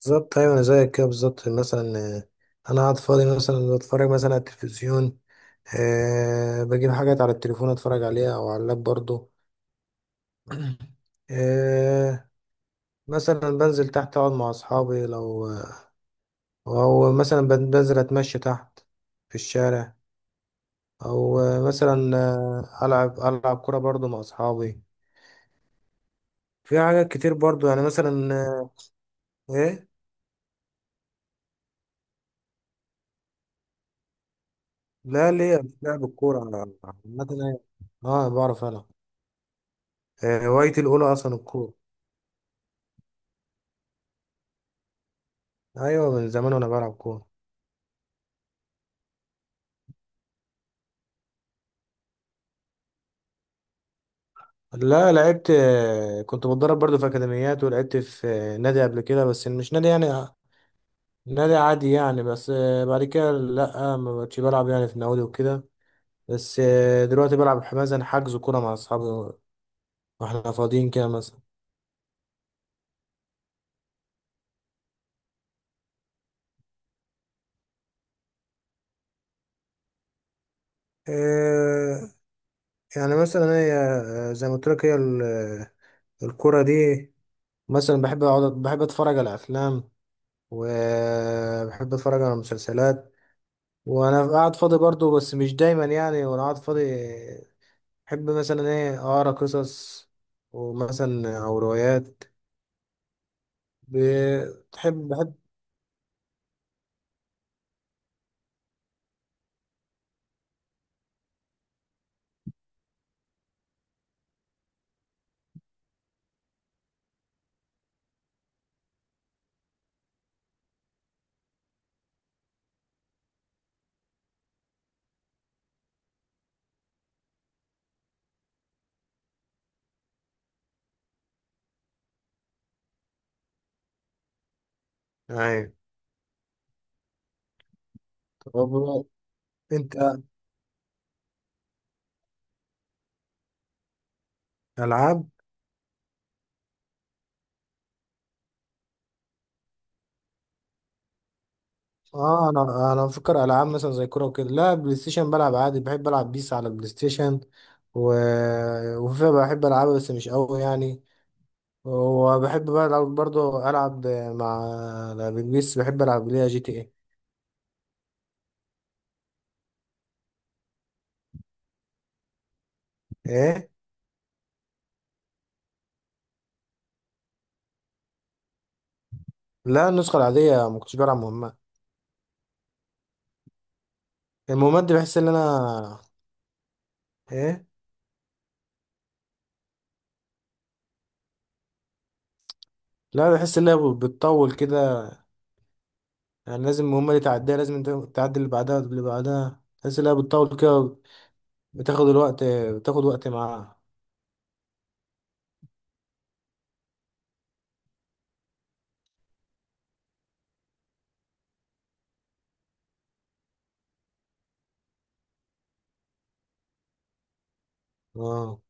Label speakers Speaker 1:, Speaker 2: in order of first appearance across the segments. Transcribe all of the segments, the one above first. Speaker 1: بالظبط ايوه انا زيك كده بالظبط مثلا آه، انا قاعد فاضي مثلا بتفرج مثلا على التلفزيون. بجيب حاجات على التليفون اتفرج عليها او على اللاب برضو. أه مثلا بنزل تحت اقعد مع اصحابي لو او مثلا بنزل اتمشى تحت في الشارع. او مثلا العب كرة برضو مع اصحابي. في حاجات كتير برضو يعني مثلا ايه. لا ليه لعب الكورة عامة اه بعرف العب. هوايتي الأولى أصلا الكورة. أيوة من زمان وأنا بلعب كورة. لا لعبت، كنت بتدرب برضو في أكاديميات ولعبت في نادي قبل كده، بس مش نادي يعني نادي عادي يعني. بس بعد كده لأ، ما بقتش بلعب يعني في نوادي وكده. بس دلوقتي بلعب مثلا حجز كورة مع أصحابي وإحنا فاضيين كده مثلا. آه، يعني مثلا هي زي ما قلت لك، هي الكورة دي، مثلا بحب أقعد بحب أتفرج على أفلام وبحب أتفرج على مسلسلات وانا قاعد فاضي برضو، بس مش دايما يعني. وانا قاعد فاضي بحب مثلا ايه اقرا قصص ومثلا او روايات. بتحب بحب يعني. طب انت العاب؟ اه انا بفكر العاب مثلا زي كوره وكده لا، بلاي ستيشن بلعب عادي، بحب العب بيس على البلاي ستيشن و... وفيفا بحب العبها بس مش قوي يعني. وبحب بلعب برضو، العب مع البيس بحب العب ليها جي تي ايه. ايه. لا، النسخة العادية، ما كنتش بلعب مهمات. المهمات دي بحس ان انا ايه. لا بحس ان هي بتطول كده يعني. لازم المهمة دي تعديها، لازم انت تعدي اللي بعدها واللي بعدها، بحس ان هي بتطول كده، بتاخد الوقت، بتاخد وقت معاها. اه.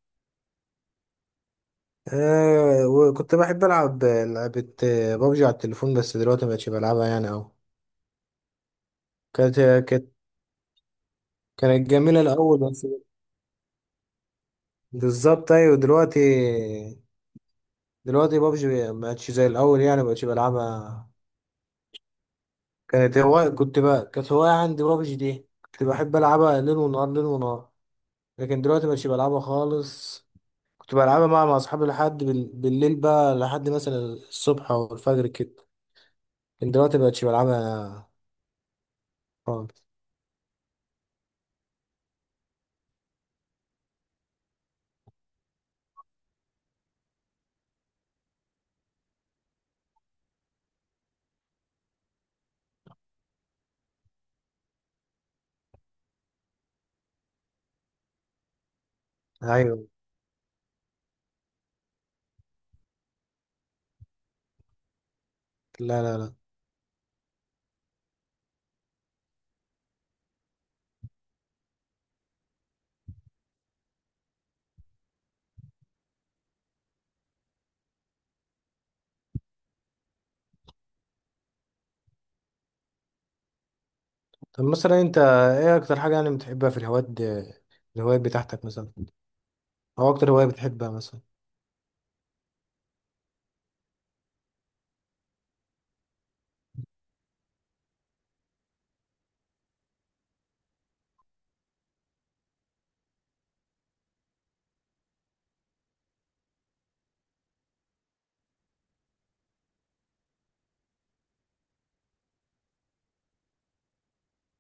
Speaker 1: وكنت بحب العب لعبة بابجي على التليفون، بس دلوقتي مبقتش بلعبها يعني اوي. كانت كانت كانت جميلة الأول بس. بالظبط أيوة، دلوقتي بابجي مبقتش زي الأول يعني، مبقتش بلعبها. كانت هواية كنت بقى، كانت هواية عندي بابجي دي، كنت بحب ألعبها ليل ونهار ليل ونهار. لكن دلوقتي مبقتش بلعبها خالص. كنت بلعبها مع أصحابي لحد بالليل بقى، لحد مثلا الصبح أو الفجر كده، لكن دلوقتي مبقتش بلعبها خالص. أيوة. لا لا لا. طب مثلا أنت إيه أكتر حاجة يعني بتحبها في الهوايات بتاعتك مثلا، أو أكتر هواية بتحبها مثلا؟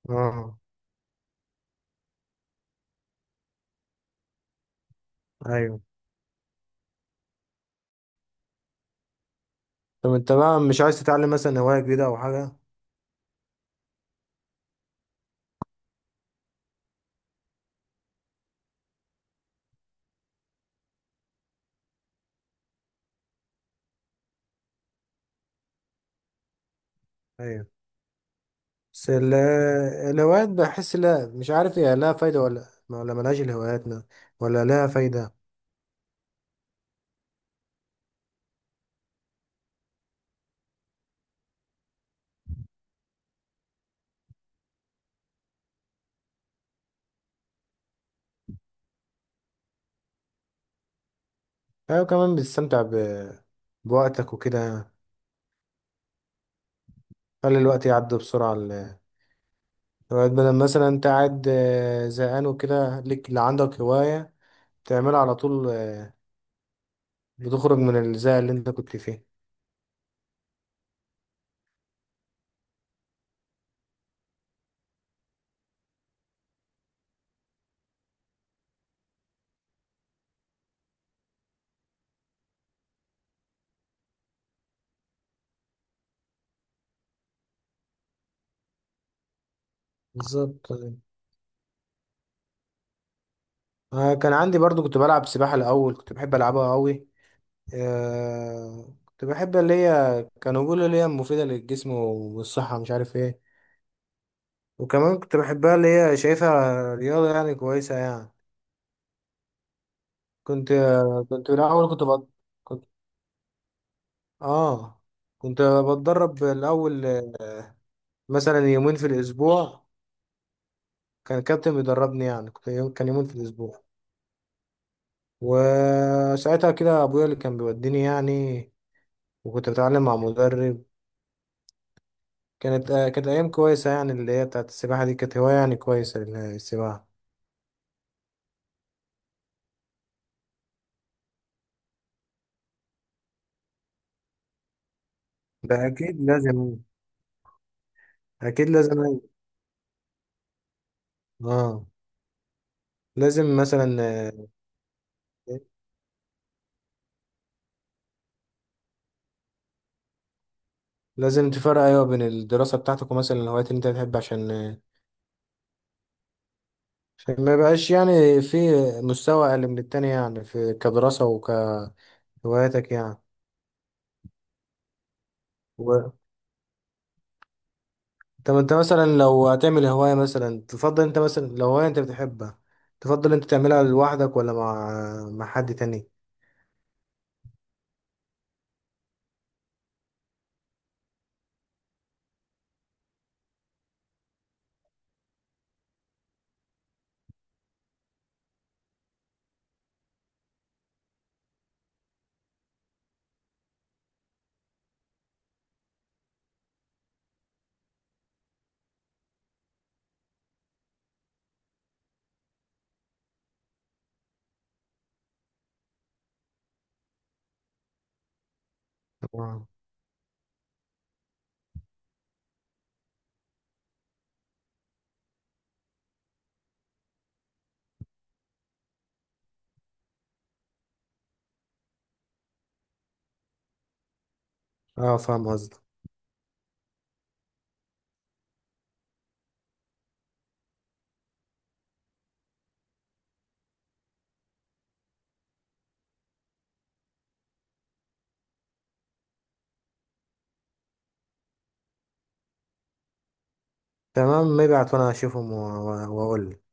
Speaker 1: آه. أيوة. طب أنت بقى مش عايز تتعلم مثلا هواية جديدة أو حاجة؟ أيوة، بس الهوايات بحس، لا مش عارف هي لها فايدة ولا ملهاش، الهواياتنا ولا لها فايدة. أيوة، كمان بتستمتع بوقتك وكده يعني. خلي الوقت يعدي بسرعة، الهوايات، بدل مثلا أنت قاعد زهقان وكده، ليك اللي عندك هواية تعملها على طول. بتخرج من الزهق اللي أنت كنت فيه. بالظبط. كان عندي برضو كنت بلعب سباحة الأول، كنت بحب ألعبها أوي. كنت بحب اللي هي كانوا بيقولوا اللي هي مفيدة للجسم والصحة مش عارف ايه. وكمان كنت بحبها اللي هي شايفها رياضة يعني كويسة يعني. كنت كنت الأول كنت بط... كنت آه كنت بتدرب الأول مثلا يومين في الأسبوع. كان الكابتن بيدربني يعني، كنت كان يومين في الأسبوع، وساعتها كده أبويا اللي كان بيوديني يعني، وكنت بتعلم مع مدرب. كانت كانت أيام كويسة يعني، اللي هي بتاعت السباحة دي، كانت هواية يعني كويسة، السباحة. ده أكيد لازم. أكيد لازم. آه. لازم مثلا، لازم تفرق ايوه بين الدراسه بتاعتك ومثلا الهوايات اللي انت بتحب، عشان ما يبقاش يعني في مستوى اقل من التاني يعني، في كدراسه وكهواياتك يعني. و... طب انت مثلا لو هتعمل هوايه، مثلا تفضل انت مثلا لو هوايه انت بتحبها، تفضل انت تعملها لوحدك ولا مع حد تاني؟ اه. فاهم قصدك. تمام maybe وانا اشوفهم واقول لك.